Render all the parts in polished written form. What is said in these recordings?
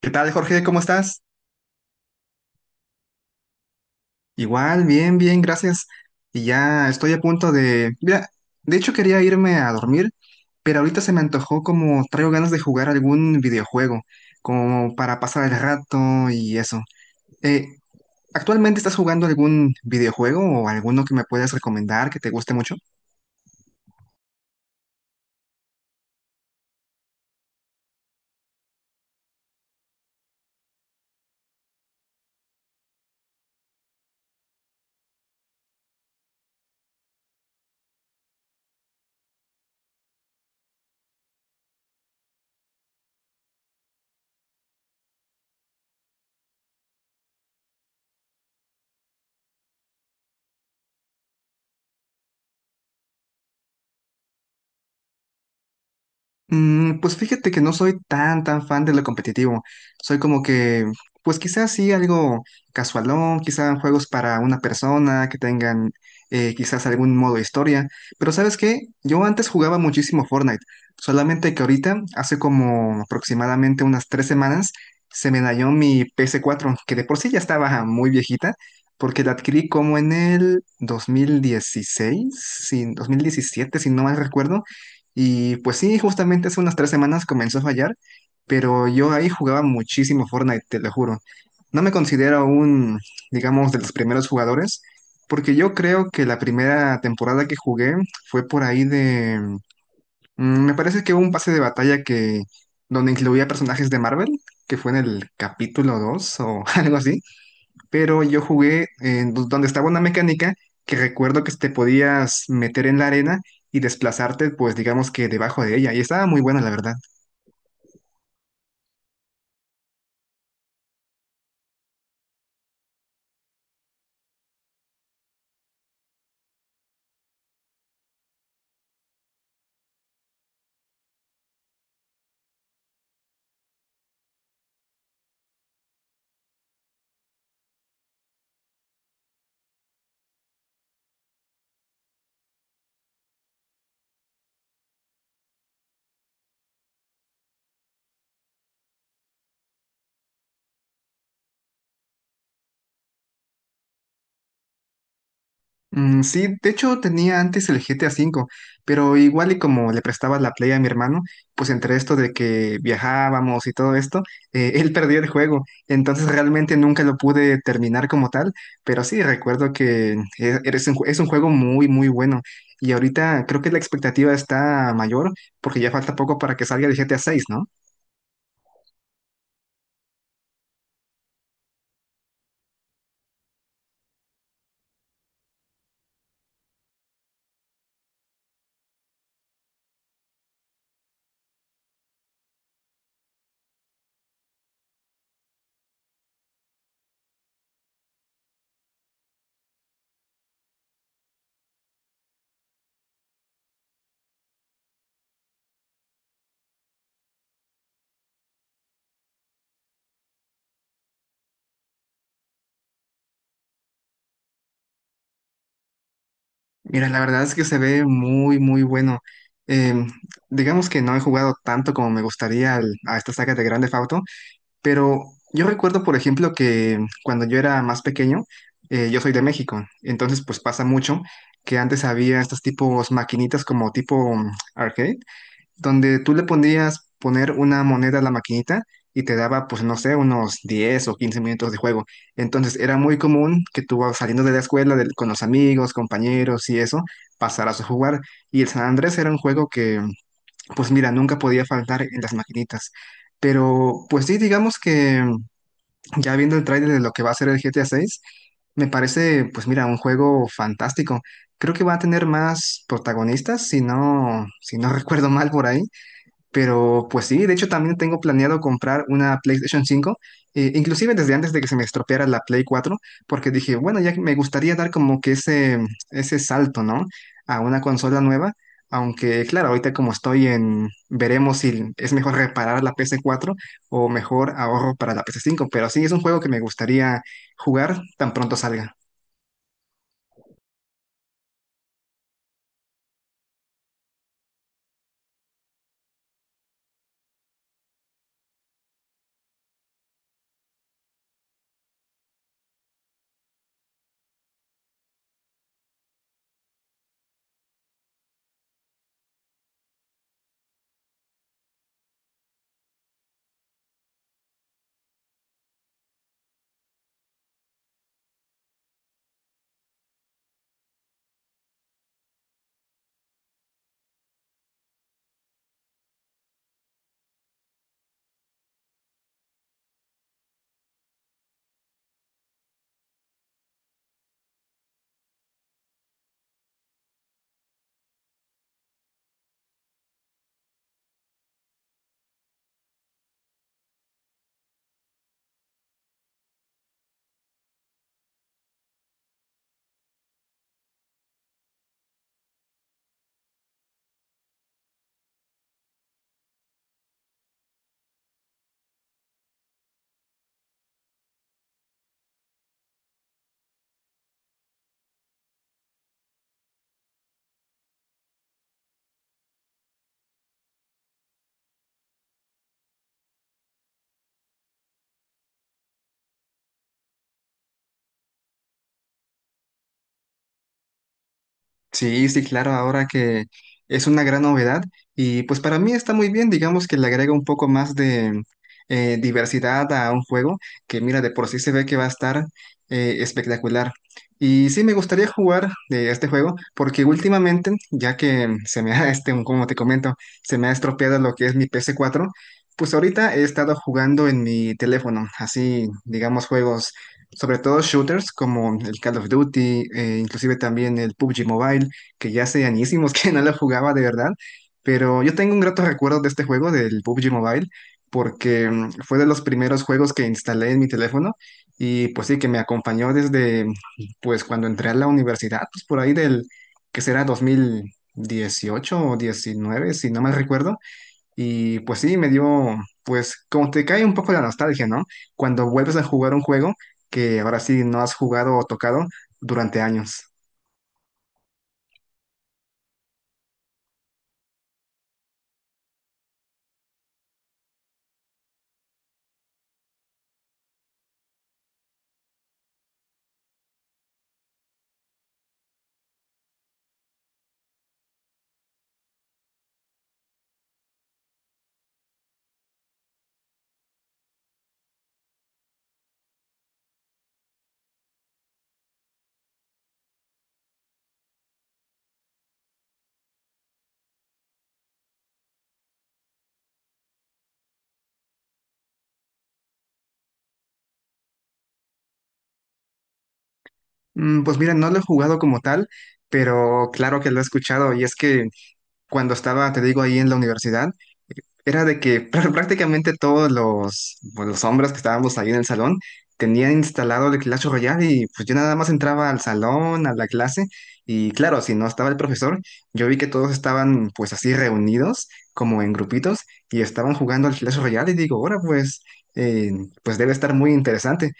¿Qué tal, Jorge? ¿Cómo estás? Igual, bien, bien, gracias. Y ya estoy a punto de... Mira, de hecho quería irme a dormir, pero ahorita se me antojó como traigo ganas de jugar algún videojuego, como para pasar el rato y eso. Eh, ¿Actualmente estás jugando algún videojuego o alguno que me puedas recomendar que te guste mucho? Pues fíjate que no soy tan fan de lo competitivo. Soy como que, pues quizás sí algo casualón, quizás juegos para una persona que tengan quizás algún modo historia. Pero ¿sabes qué? Yo antes jugaba muchísimo Fortnite, solamente que ahorita, hace como aproximadamente unas 3 semanas, se me dañó mi ps cuatro, que de por sí ya estaba muy viejita, porque la adquirí como en el 2016, sí, 2017, si no mal recuerdo. Y pues sí, justamente hace unas 3 semanas comenzó a fallar, pero yo ahí jugaba muchísimo Fortnite, te lo juro. No me considero un, digamos, de los primeros jugadores, porque yo creo que la primera temporada que jugué fue por ahí de... Me parece que hubo un pase de batalla que donde incluía personajes de Marvel, que fue en el capítulo 2 o algo así, pero yo jugué en donde estaba una mecánica que recuerdo que te podías meter en la arena y desplazarte, pues digamos que debajo de ella, y estaba muy buena, la verdad. Sí, de hecho tenía antes el GTA V, pero igual y como le prestaba la Play a mi hermano, pues entre esto de que viajábamos y todo esto, él perdió el juego, entonces realmente nunca lo pude terminar como tal, pero sí recuerdo que es un juego muy bueno. Y ahorita creo que la expectativa está mayor porque ya falta poco para que salga el GTA seis, ¿no? Mira, la verdad es que se ve muy bueno. Em, digamos que no he jugado tanto como me gustaría a esta saga de Grand Theft Auto, pero yo recuerdo, por ejemplo, que cuando yo era más pequeño, yo soy de México, entonces pues pasa mucho que antes había estos tipos maquinitas como tipo arcade, donde tú le podías poner una moneda a la maquinita y te daba, pues no sé, unos 10 o 15 minutos de juego. Entonces era muy común que tú saliendo de la escuela con los amigos, compañeros y eso, pasaras a jugar. Y el San Andrés era un juego que, pues mira, nunca podía faltar en las maquinitas. Pero pues sí, digamos que ya viendo el tráiler de lo que va a ser el GTA 6, me parece, pues mira, un juego fantástico. Creo que va a tener más protagonistas, si no recuerdo mal por ahí. Pero pues sí, de hecho también tengo planeado comprar una PlayStation cinco, inclusive desde antes de que se me estropeara la Play cuatro, porque dije, bueno, ya que me gustaría dar como que ese salto, ¿no? A una consola nueva, aunque claro, ahorita como estoy en, veremos si es mejor reparar la ps cuatro o mejor ahorro para la ps cinco, pero sí es un juego que me gustaría jugar tan pronto salga. Sí, sí, claro, ahora que es una gran novedad y pues para mí está muy bien, digamos que le agrega un poco más de diversidad a un juego que mira, de por sí se ve que va a estar espectacular. Y sí, me gustaría jugar de este juego porque últimamente, ya que se me ha, este, como te comento, se me ha estropeado lo que es mi ps cuatro. Pues ahorita he estado jugando en mi teléfono, así, digamos, juegos sobre todo shooters como el Call of Duty, inclusive también el PUBG Mobile, que ya hace añísimos que no lo jugaba de verdad, pero yo tengo un grato recuerdo de este juego, del PUBG Mobile, porque fue de los primeros juegos que instalé en mi teléfono y pues sí, que me acompañó desde pues cuando entré a la universidad, pues por ahí del que será 2018 o 19, si no mal recuerdo. Y pues sí, me dio, pues como te cae un poco la nostalgia, ¿no? Cuando vuelves a jugar un juego que ahora sí no has jugado o tocado durante años. Pues mira, no lo he jugado como tal, pero claro que lo he escuchado y es que cuando estaba, te digo, ahí en la universidad, era de que prácticamente todos los, pues, los hombres que estábamos ahí en el salón tenían instalado el Clash Royale y pues yo nada más entraba al salón, a la clase y claro, si no estaba el profesor, yo vi que todos estaban pues así reunidos como en grupitos y estaban jugando al Clash Royale y digo, ahora pues, eh, pues debe estar muy interesante.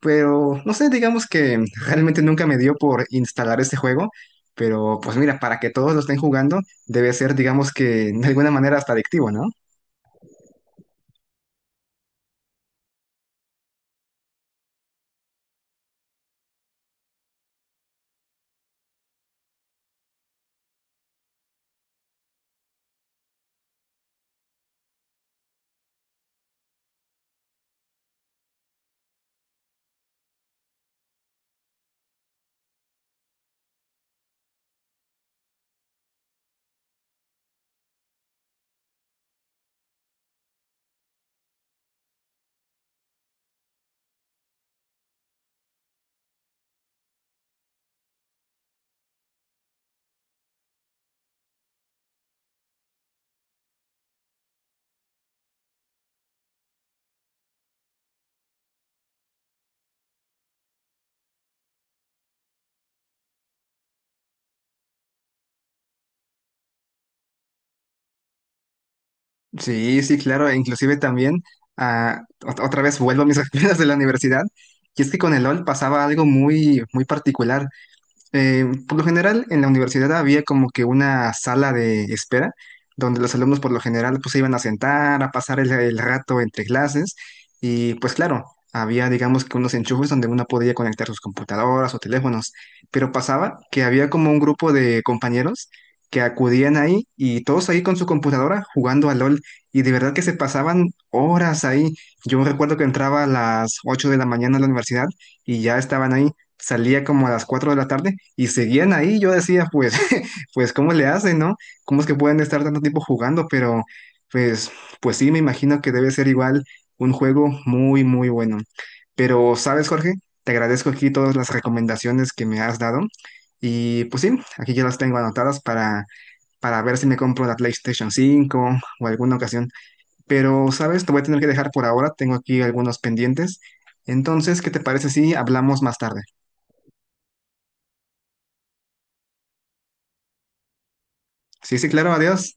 Pero no sé, digamos que realmente nunca me dio por instalar este juego, pero pues mira, para que todos lo estén jugando debe ser digamos que de alguna manera hasta adictivo, ¿no? Sí, sí, claro, e inclusive también, ah, otra vez vuelvo a mis experiencias de la universidad, y es que con el LOL pasaba algo muy particular. Por lo general, en la universidad había como que una sala de espera, donde los alumnos por lo general pues se iban a sentar, a pasar el rato entre clases, y pues claro, había digamos que unos enchufes donde uno podía conectar sus computadoras o teléfonos, pero pasaba que había como un grupo de compañeros que acudían ahí y todos ahí con su computadora jugando a LOL, y de verdad que se pasaban horas ahí. Yo recuerdo que entraba a las 8 de la mañana a la universidad y ya estaban ahí, salía como a las 4 de la tarde y seguían ahí. Yo decía, pues, pues, ¿cómo le hacen, no? ¿Cómo es que pueden estar tanto tiempo jugando? Pero, pues, pues sí, me imagino que debe ser igual un juego muy bueno. Pero, ¿sabes, Jorge? Te agradezco aquí todas las recomendaciones que me has dado. Y pues sí, aquí ya las tengo anotadas para ver si me compro la PlayStation cinco o alguna ocasión. Pero, ¿sabes? Te voy a tener que dejar por ahora. Tengo aquí algunos pendientes. Entonces, ¿qué te parece si hablamos más tarde? Sí, sí, claro, adiós.